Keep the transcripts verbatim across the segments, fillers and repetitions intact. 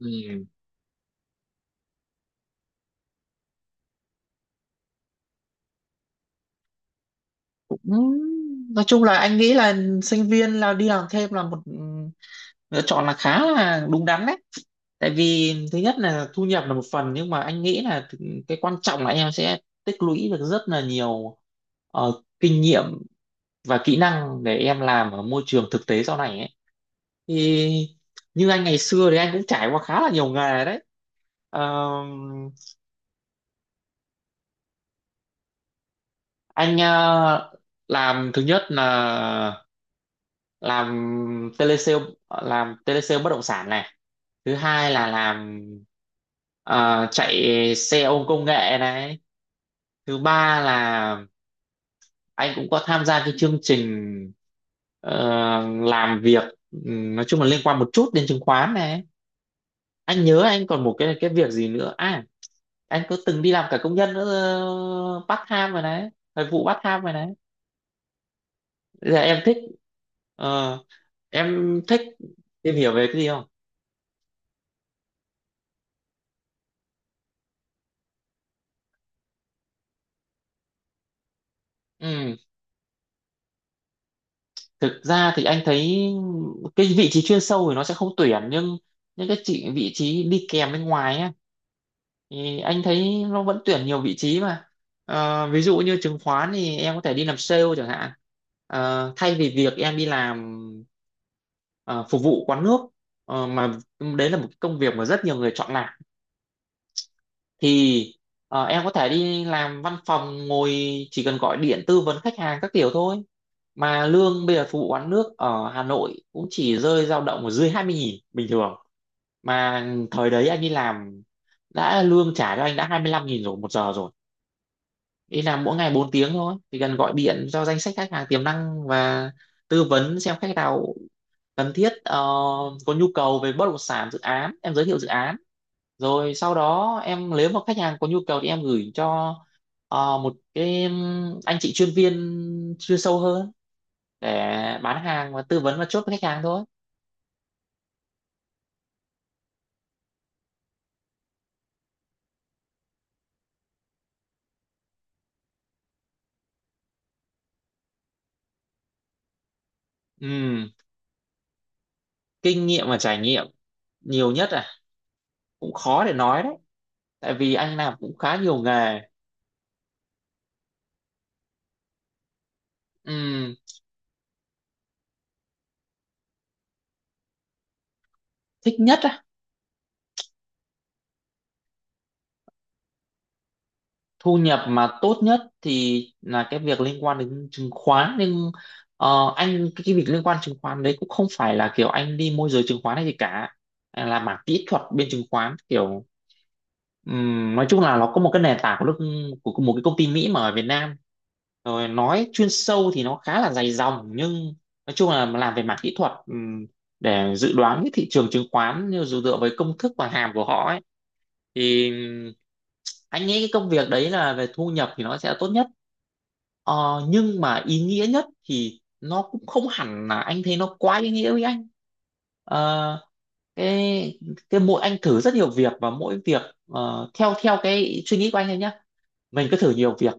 Ừ, cũng nói chung là anh nghĩ là sinh viên là đi làm thêm là một ừ, lựa chọn là khá là đúng đắn đấy, tại vì thứ nhất là thu nhập là một phần, nhưng mà anh nghĩ là th- cái quan trọng là em sẽ tích lũy được rất là nhiều ờ, kinh nghiệm và kỹ năng để em làm ở môi trường thực tế sau này ấy. Thì như anh ngày xưa thì anh cũng trải qua khá là nhiều nghề đấy. Ờ, anh ờ, làm thứ nhất là làm telesale, làm telesale bất động sản này. Thứ hai là làm ờ, chạy xe ôm công nghệ này. Thứ ba là anh cũng có tham gia cái chương trình ờ, làm việc ừm, nói chung là liên quan một chút đến chứng khoán này. Anh nhớ anh còn một cái cái việc gì nữa à, anh có từng đi làm cả công nhân nữa, ờ, part time rồi đấy, thời vụ part time rồi đấy. Bây giờ em thích ờ, em thích tìm hiểu về cái gì không? ừ Thực ra thì anh thấy cái vị trí chuyên sâu thì nó sẽ không tuyển, nhưng những cái chị vị trí đi kèm bên ngoài á thì anh thấy nó vẫn tuyển nhiều vị trí mà. Ờ, ví dụ như chứng khoán thì em có thể đi làm sale chẳng hạn. Ờ, thay vì việc em đi làm ờ, phục vụ quán nước ờ, mà đấy là một cái công việc mà rất nhiều người chọn làm, thì ờ, em có thể đi làm văn phòng ngồi, chỉ cần gọi điện tư vấn khách hàng các kiểu thôi. Mà lương bây giờ phục vụ quán nước ở Hà Nội cũng chỉ rơi, dao động ở dưới hai mươi nghìn bình thường, mà thời đấy anh đi làm đã lương trả cho anh đã hai mươi lăm nghìn rồi một giờ rồi, đi làm mỗi ngày bốn tiếng thôi, thì cần gọi điện cho danh sách khách hàng tiềm năng và tư vấn xem khách nào cần thiết, ờ, có nhu cầu về bất động sản dự án em giới thiệu dự án, rồi sau đó em nếu mà khách hàng có nhu cầu thì em gửi cho ờ, một cái ừm, anh chị chuyên viên chuyên sâu hơn để bán hàng và tư vấn và chốt với khách hàng thôi. Ừm, Kinh nghiệm và trải nghiệm nhiều nhất à? Cũng khó để nói đấy, tại vì anh làm cũng khá nhiều nghề. Ừm, Thích nhất á. Thu nhập mà tốt nhất thì là cái việc liên quan đến chứng khoán, nhưng ờ, anh cái, cái việc liên quan chứng khoán đấy cũng không phải là kiểu anh đi môi giới chứng khoán hay gì cả. Anh là mảng kỹ thuật bên chứng khoán kiểu ừm, nói chung là nó có một cái nền tảng của nước, của một cái công ty Mỹ mà ở Việt Nam, rồi nói chuyên sâu thì nó khá là dày dòng, nhưng nói chung là làm về mảng kỹ thuật ừm, để dự đoán cái thị trường chứng khoán như dựa dựa với công thức và hàm của họ ấy. Thì anh nghĩ cái công việc đấy là về thu nhập thì nó sẽ tốt nhất. Ờ, nhưng mà ý nghĩa nhất thì nó cũng không hẳn là anh thấy nó quá ý nghĩa với anh. Ờ, cái cái mỗi anh thử rất nhiều việc, và mỗi việc, ờ, theo theo cái suy nghĩ của anh thôi nhé, mình cứ thử nhiều việc.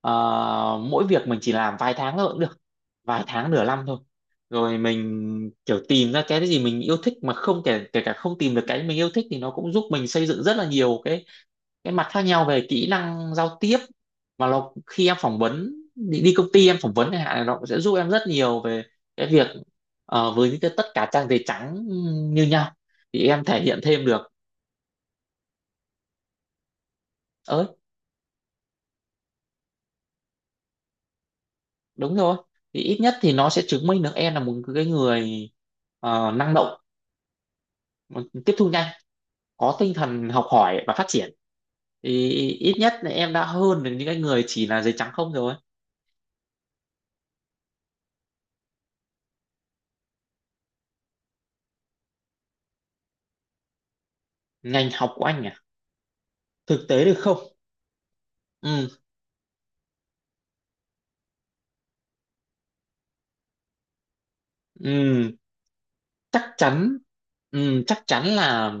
Ờ, Mỗi việc mình chỉ làm vài tháng thôi cũng được, vài tháng nửa năm thôi, rồi mình kiểu tìm ra cái gì mình yêu thích, mà không kể kể cả không tìm được cái mình yêu thích thì nó cũng giúp mình xây dựng rất là nhiều cái cái mặt khác nhau về kỹ năng giao tiếp. Mà nó khi em phỏng vấn, đi, đi công ty em phỏng vấn chẳng hạn, nó cũng sẽ giúp em rất nhiều về cái việc ờ, với những cái tất cả trang giấy trắng như nhau thì em thể hiện thêm được. Ơi, đúng rồi, thì ít nhất thì nó sẽ chứng minh được em là một cái người ờ, năng động, tiếp thu nhanh, có tinh thần học hỏi và phát triển. Thì ít nhất là em đã hơn được những cái người chỉ là giấy trắng không rồi. Ngành học của anh à? Thực tế được không. Ừ, ừ, chắc chắn. ừm, chắc chắn là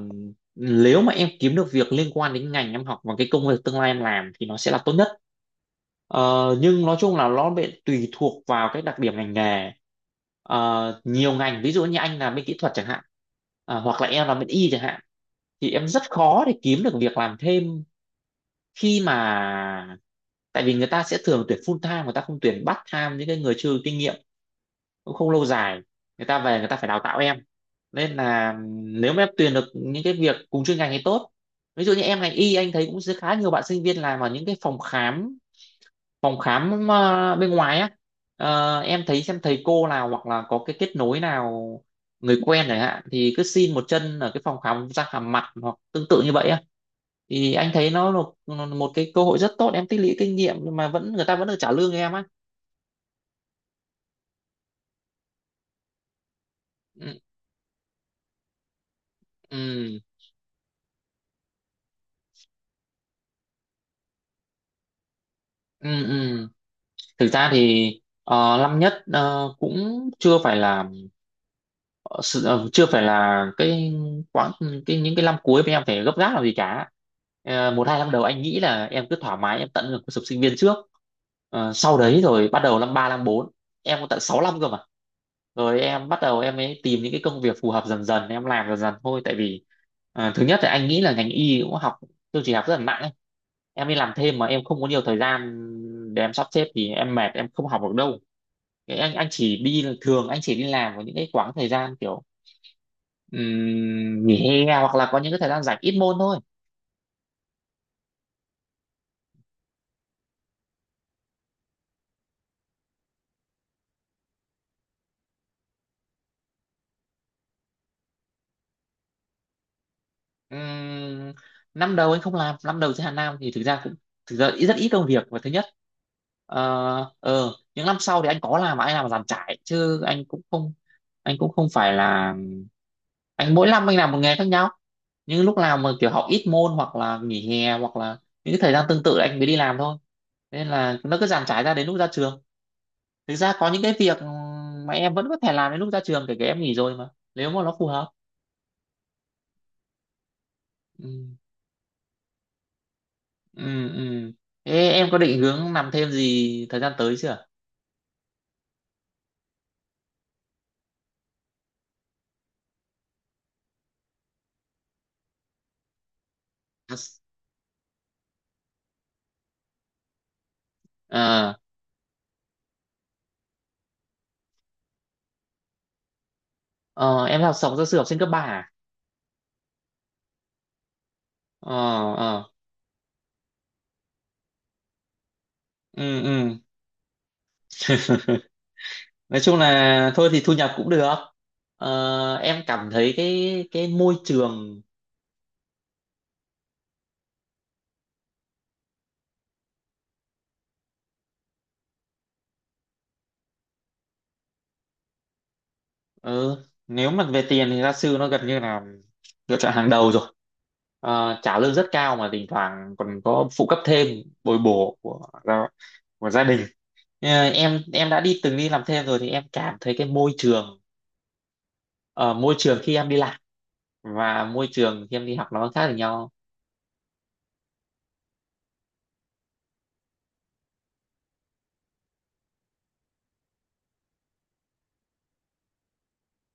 nếu mà em kiếm được việc liên quan đến ngành em học và cái công việc tương lai em làm thì nó sẽ là tốt nhất. Ờ, nhưng nói chung là nó bị tùy thuộc vào cái đặc điểm ngành nghề. Ờ, nhiều ngành, ví dụ như anh làm bên kỹ thuật chẳng hạn, ờ, hoặc là em làm bên y chẳng hạn, thì em rất khó để kiếm được việc làm thêm khi mà, tại vì người ta sẽ thường tuyển full time, người ta không tuyển part time những cái người chưa kinh nghiệm, cũng không lâu dài, người ta về người ta phải đào tạo em. Nên là nếu mà em tuyển được những cái việc cùng chuyên ngành thì tốt. Ví dụ như em ngành y, anh thấy cũng rất khá nhiều bạn sinh viên làm ở những cái phòng khám phòng khám ờ, bên ngoài á. Ờ, em thấy xem thầy cô nào hoặc là có cái kết nối nào người quen chẳng hạn, thì cứ xin một chân ở cái phòng khám răng hàm mặt hoặc tương tự như vậy á, thì anh thấy nó là một một cái cơ hội rất tốt em tích lũy kinh nghiệm, nhưng mà vẫn người ta vẫn được trả lương cho em á. Ừ, ừ, ừ, ừ. Thực ra thì ờ, năm nhất ờ, cũng chưa phải là, Ờ, sự, ờ, chưa phải là cái quãng cái những cái năm cuối mà em phải gấp gáp làm gì cả. Ờ, một hai năm đầu anh nghĩ là em cứ thoải mái, em tận hưởng cuộc sống sinh viên trước. Ờ, sau đấy rồi bắt đầu năm ba năm bốn, em có tận sáu năm cơ mà, rồi em bắt đầu em mới tìm những cái công việc phù hợp dần dần, em làm dần dần thôi. Tại vì ờ, thứ nhất là anh nghĩ là ngành y cũng học, tôi chỉ học rất là nặng ấy. Em đi làm thêm mà em không có nhiều thời gian để em sắp xếp thì em mệt, em không học được đâu. Cái anh anh chỉ đi, thường anh chỉ đi làm vào những cái quãng thời gian kiểu Ừm, nghỉ hè hoặc là có những cái thời gian rảnh ít môn thôi. Ừm, Năm đầu anh không làm, năm đầu trên Hà Nam thì thực ra cũng, thực ra ít- rất ít công việc. Và thứ nhất, ờ ờ, những năm sau thì anh có làm, mà anh làm giàn trải chứ anh cũng không anh cũng không phải là, anh mỗi năm anh làm một nghề khác nhau, nhưng lúc nào mà kiểu học ít môn, hoặc là nghỉ hè, hoặc là những cái thời gian tương tự anh mới đi làm thôi. Nên là nó cứ dàn trải ra đến lúc ra trường. Thực ra có những cái việc mà em vẫn có thể làm đến lúc ra trường, kể cả em nghỉ rồi mà, nếu mà nó phù hợp. Ừ, ừ. Ừ. Thế em có định hướng làm thêm gì thời gian tới chưa? À, ờ, em học sống gia sư học sinh cấp ba à? Ờ, ờ, ừ, ừ. Nói chung là thôi thì thu nhập cũng được. Ờ, em cảm thấy cái cái môi trường ờ, nếu mà về tiền thì gia sư nó gần như là lựa chọn hàng đầu rồi. Ờ, trả lương rất cao mà thỉnh thoảng còn có phụ cấp thêm, bồi bổ của gia, của gia đình. Ờ, em em đã đi, từng đi làm thêm rồi thì em cảm thấy cái môi trường ờ, môi trường khi em đi làm và môi trường khi em đi học nó khác với nhau.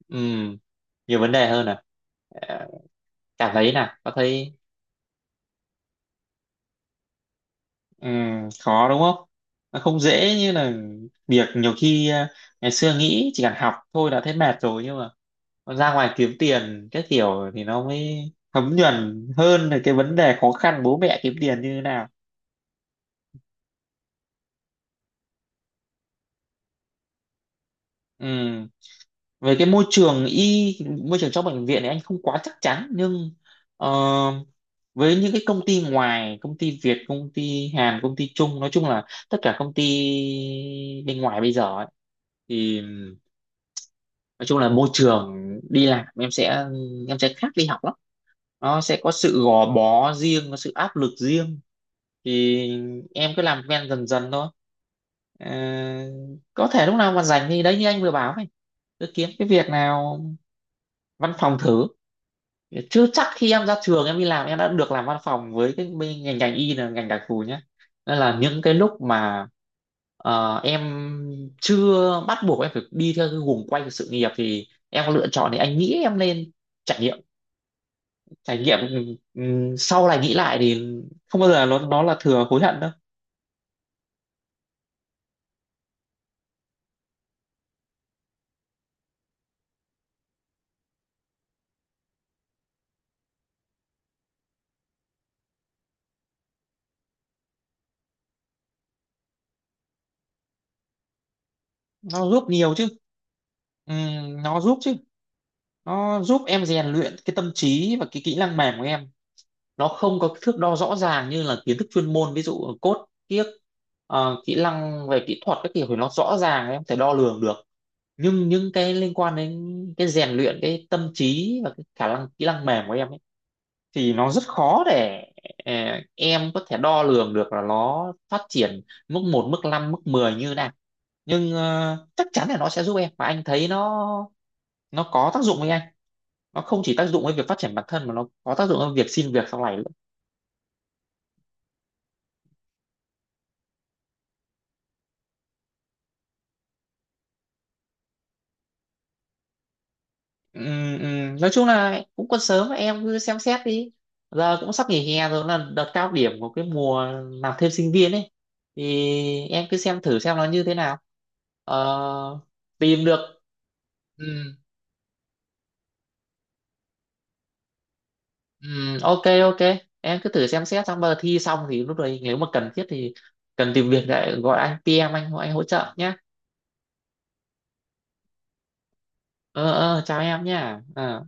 Ừm, Nhiều vấn đề hơn à? Ờ, Cảm thấy là có thấy ừm, khó đúng không, nó không dễ như là việc, nhiều khi ờ, ngày xưa nghĩ chỉ cần học thôi đã thấy mệt rồi, nhưng mà ra ngoài kiếm tiền cái kiểu thì nó mới thấm nhuần hơn là cái vấn đề khó khăn bố mẹ kiếm tiền như thế nào. Ừ, về cái môi trường y, môi trường trong bệnh viện thì anh không quá chắc chắn, nhưng ờ, với những cái công ty ngoài, công ty Việt, công ty Hàn, công ty Trung, nói chung là tất cả công ty bên ngoài bây giờ ấy, thì nói chung là môi trường đi làm em sẽ em sẽ khác đi học lắm. Nó sẽ có sự gò bó riêng, có sự áp lực riêng. Thì em cứ làm quen dần dần thôi. Ờ, có thể lúc nào mà rảnh thì đấy, như anh vừa bảo này, cứ kiếm cái việc nào văn phòng thử, chứ chắc khi em ra trường em đi làm em đã được làm văn phòng, với cái bên ngành ngành y là ngành đặc thù nhé. Nên là những cái lúc mà ờ, em chưa bắt buộc em phải đi theo cái guồng quay của sự nghiệp, thì em có lựa chọn thì anh nghĩ em nên trải nghiệm, trải nghiệm. Ừm, sau này nghĩ lại thì không bao giờ nó nó là thừa, hối hận đâu. Nó giúp nhiều chứ. Ừm, nó giúp chứ, nó giúp em rèn luyện cái tâm trí và cái kỹ năng mềm của em. Nó không có thước đo rõ ràng như là kiến thức chuyên môn, ví dụ code kiếc, ờ, kỹ năng về kỹ thuật các kiểu thì nó rõ ràng em có thể đo lường được, nhưng những cái liên quan đến cái rèn luyện cái tâm trí và cái khả năng kỹ năng mềm của em ấy, thì nó rất khó để ờ, em có thể đo lường được là nó phát triển mức một mức năm mức mười như thế nào. Nhưng ờ, chắc chắn là nó sẽ giúp em, và anh thấy nó nó có tác dụng với anh. Nó không chỉ tác dụng với việc phát triển bản thân, mà nó có tác dụng với việc xin việc sau này. Ừ, ừ. Nói chung là cũng còn sớm, em cứ xem xét đi, giờ cũng sắp nghỉ hè rồi, là đợt cao điểm của cái mùa làm thêm sinh viên ấy, thì em cứ xem thử xem nó như thế nào. ờ, Tìm được. Ừ, ừ, ok ok, em cứ thử xem xét, xong bây giờ thi xong thì lúc đấy nếu mà cần thiết thì cần tìm việc lại gọi anh, pê em anh anh hỗ trợ nhé. ờ ờ Chào em nhé. Ờ.